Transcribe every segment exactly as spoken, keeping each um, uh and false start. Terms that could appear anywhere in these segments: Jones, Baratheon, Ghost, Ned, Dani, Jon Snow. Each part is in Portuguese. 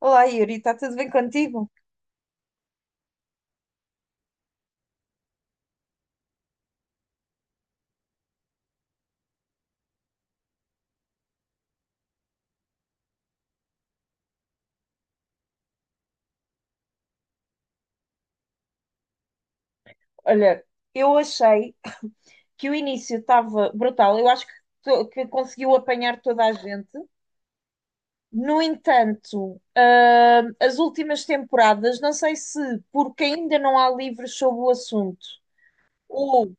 Olá, Yuri, está tudo bem contigo? Olha, eu achei que o início estava brutal. Eu acho que, to- que conseguiu apanhar toda a gente. No entanto, ah, as últimas temporadas, não sei se porque ainda não há livros sobre o assunto, ou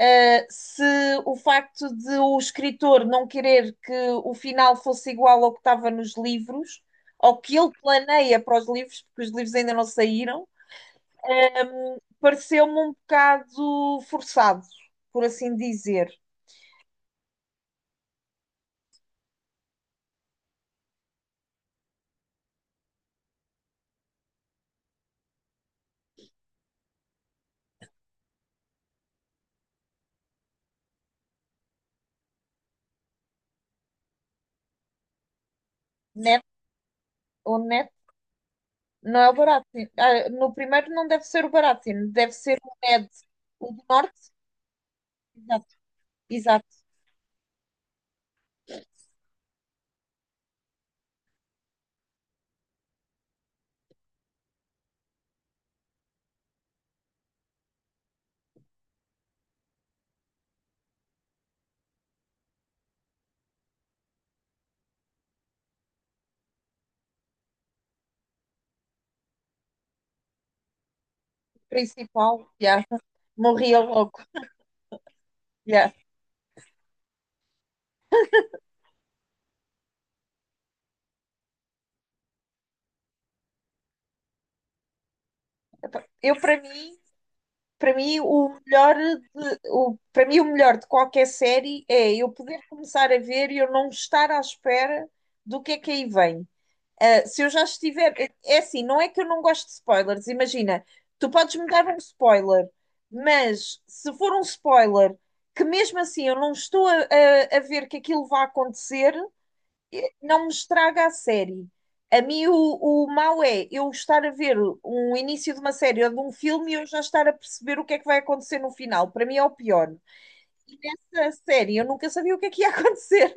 ah, se o facto de o escritor não querer que o final fosse igual ao que estava nos livros, ou que ele planeia para os livros, porque os livros ainda não saíram. Pareceu-me um bocado forçado, por assim dizer. Net ou net? Não é o Baratheon. Ah, no primeiro não deve ser o Baratheon, deve ser o Ned, o do norte. Exato, exato. Principal. Yeah. Morria logo. Yeah. Eu, para mim, para mim, o melhor de, o, para mim, o melhor de qualquer série é eu poder começar a ver e eu não estar à espera do que é que aí vem. Uh, se eu já estiver. É assim, não é que eu não gosto de spoilers, imagina, tu podes me dar um spoiler, mas se for um spoiler que mesmo assim eu não estou a, a- a ver que aquilo vai acontecer, eh, não me estraga a série. A mim o, o mau é eu estar a ver um início de uma série ou de um filme e eu já estar a perceber o que é que vai acontecer no final. Para mim é o pior. E nessa série eu nunca sabia o que é que ia acontecer.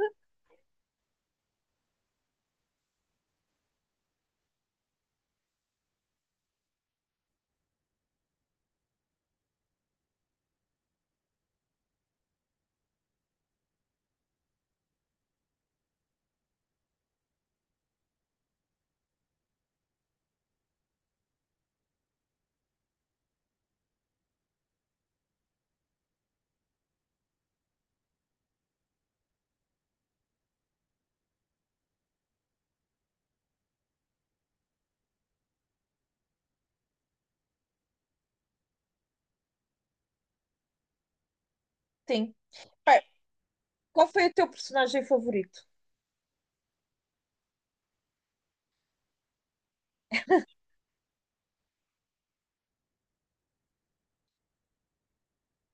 Sim. Pá, qual foi o teu personagem favorito?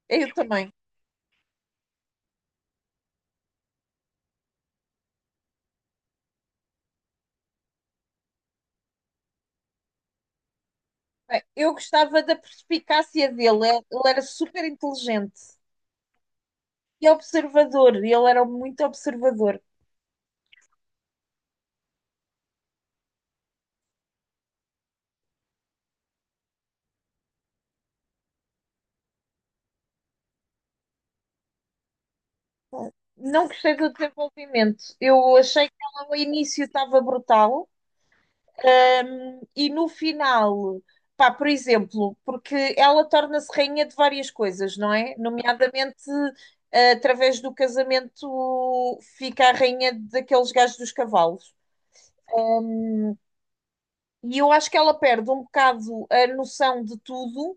Eu também. Bem, eu gostava da perspicácia dele, ele ele era super inteligente e observador, ele era muito observador. Não gostei do desenvolvimento, eu achei que ela ao início estava brutal. Hum, e no final, pá, por exemplo, porque ela torna-se rainha de várias coisas, não é? Nomeadamente, eh, através do casamento, fica a rainha daqueles gajos dos cavalos. E eu acho que ela perde um bocado a noção de tudo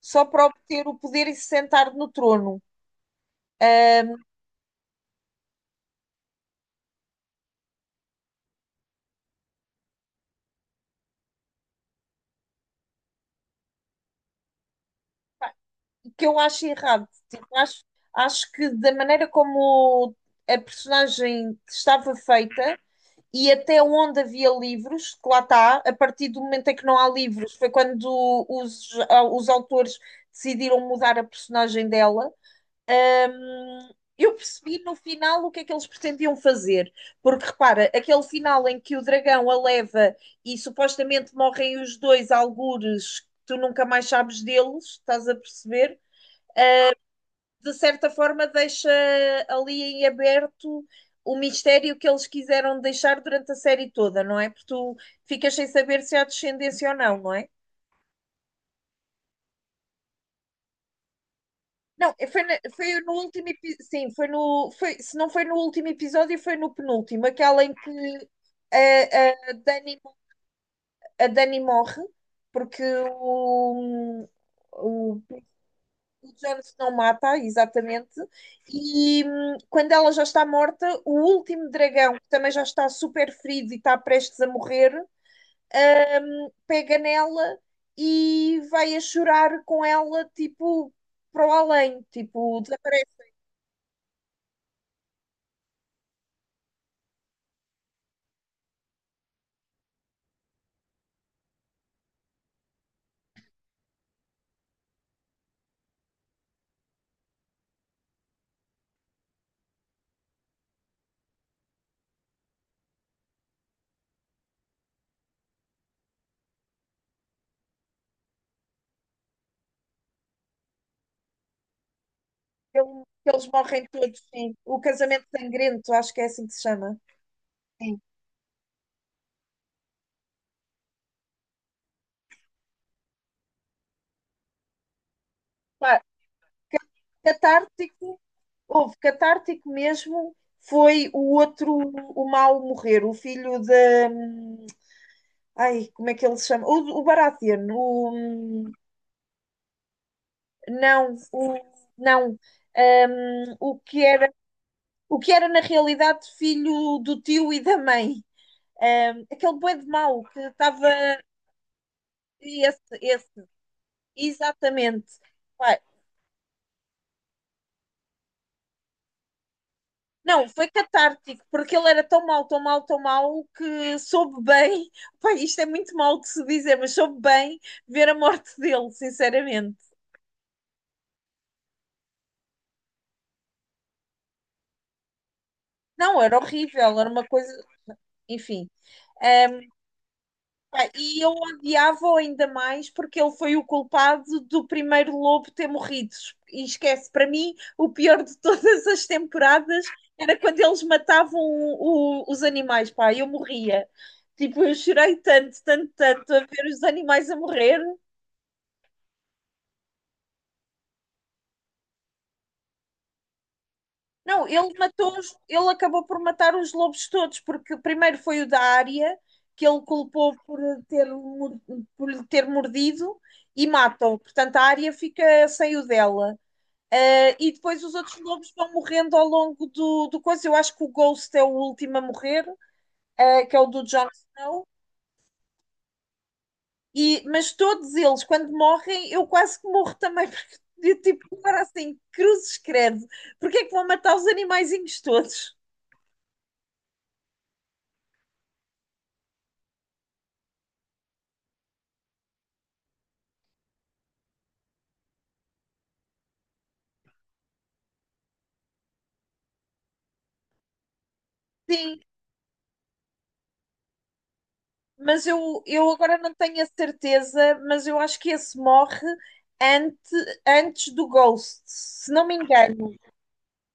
só para obter o poder e se sentar no trono, o que eu acho errado. Tipo, acho, acho que da maneira como a personagem estava feita e até onde havia livros, que lá está, a partir do momento em que não há livros, foi quando os, os autores decidiram mudar a personagem dela. Eu percebi no final o que é que eles pretendiam fazer, porque repara, aquele final em que o dragão a leva e supostamente morrem os dois algures, que tu nunca mais sabes deles, estás a perceber? De certa forma, deixa ali em aberto o mistério que eles quiseram deixar durante a série toda, não é? Porque tu ficas sem saber se há descendência ou não, não é? Não, é- foi, na- foi no último episódio. Sim, foi no. Foi, se não foi no último episódio, foi no penúltimo, aquela em que a, a Dani, a Dani morre porque o, o, o Jones não mata, exatamente. E hum, quando ela já está morta, o último dragão, que também já está super ferido e está prestes a morrer, hum, pega nela e vai a chorar com ela, tipo, para o além, tipo, desaparece. Ele- Eles morrem todos, sim. O casamento sangrento, acho que é assim que se chama. Sim. Pá, catártico, houve catártico mesmo, foi o outro, o mau morrer, o filho da. hum, Ai, como é que ele se chama? O, O Baratheon, o. hum, Não, o. Não. Hum, o que era, o que era na realidade filho do tio e da mãe. Hum, aquele boi de mau que estava. Esse, esse, exatamente. Pá, não, foi catártico, porque ele era tão mau, tão mau, tão mau, que soube bem. Pá, isto é muito mau de se dizer, mas soube bem ver a morte dele, sinceramente. Não, era horrível, era uma coisa. Enfim. Ah, pá, e eu odiava-o ainda mais porque ele foi o culpado do primeiro lobo ter morrido. E esquece, para mim, o pior de todas as temporadas era quando eles matavam o- os animais, pá, eu morria. Tipo, eu chorei tanto, tanto, tanto a ver os animais a morrer. Não, ele matou, os- ele acabou por matar os lobos todos, porque primeiro foi o da área, que ele culpou por ter, mor- por lhe ter mordido, e matam. Portanto, a área fica sem o dela. Uh, e depois os outros lobos vão morrendo ao longo do, do coisa. Eu acho que o Ghost é o último a morrer, uh, que é o do Jon Snow. E, mas todos eles, quando morrem, eu quase que morro também, porque eu, tipo, agora assim, cruzes credo, porque é que vão matar os animaizinhos todos? Sim, mas eu, eu agora não tenho a certeza, mas eu acho que esse morre ante, antes do Ghost, se não me engano.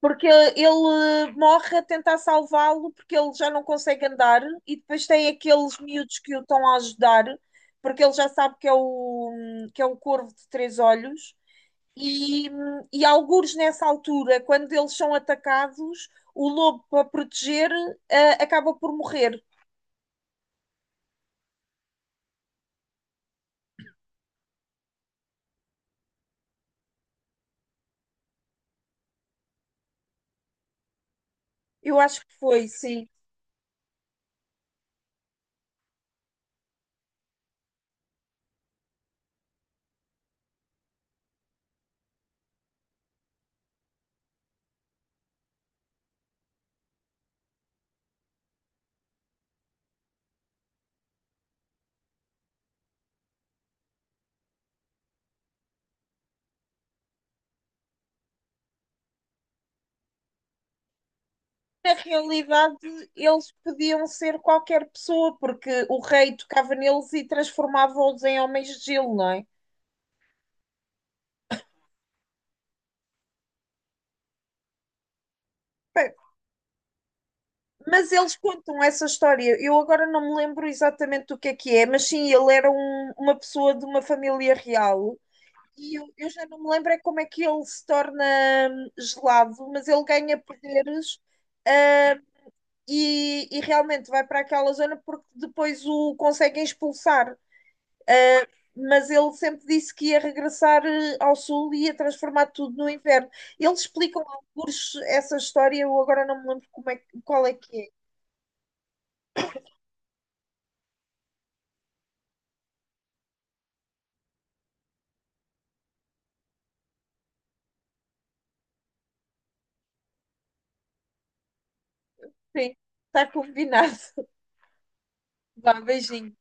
Porque ele morre a tentar salvá-lo porque ele já não consegue andar e depois tem aqueles miúdos que o estão a ajudar porque ele já sabe que é o, que é o corvo de três olhos e, e algures nessa altura, quando eles são atacados, o lobo para proteger eh, acaba por morrer. Eu acho que foi, sim. Na realidade, eles podiam ser qualquer pessoa, porque o rei tocava neles e transformava-os em homens de gelo, não é? Mas eles contam essa história. Eu agora não me lembro exatamente do que é que é, mas sim, ele era um- uma pessoa de uma família real. E eu, eu já não me lembro é como é que ele se torna hum, gelado, mas ele ganha poderes, ah, e, e realmente vai para aquela zona porque depois o conseguem expulsar. Ah, mas ele sempre disse que ia regressar eh, ao sul e ia transformar tudo no inverno. Eles explicam alguns essa história, eu agora não me lembro como é, que- qual é que é. Sim, tá combinado. Vá, beijinho.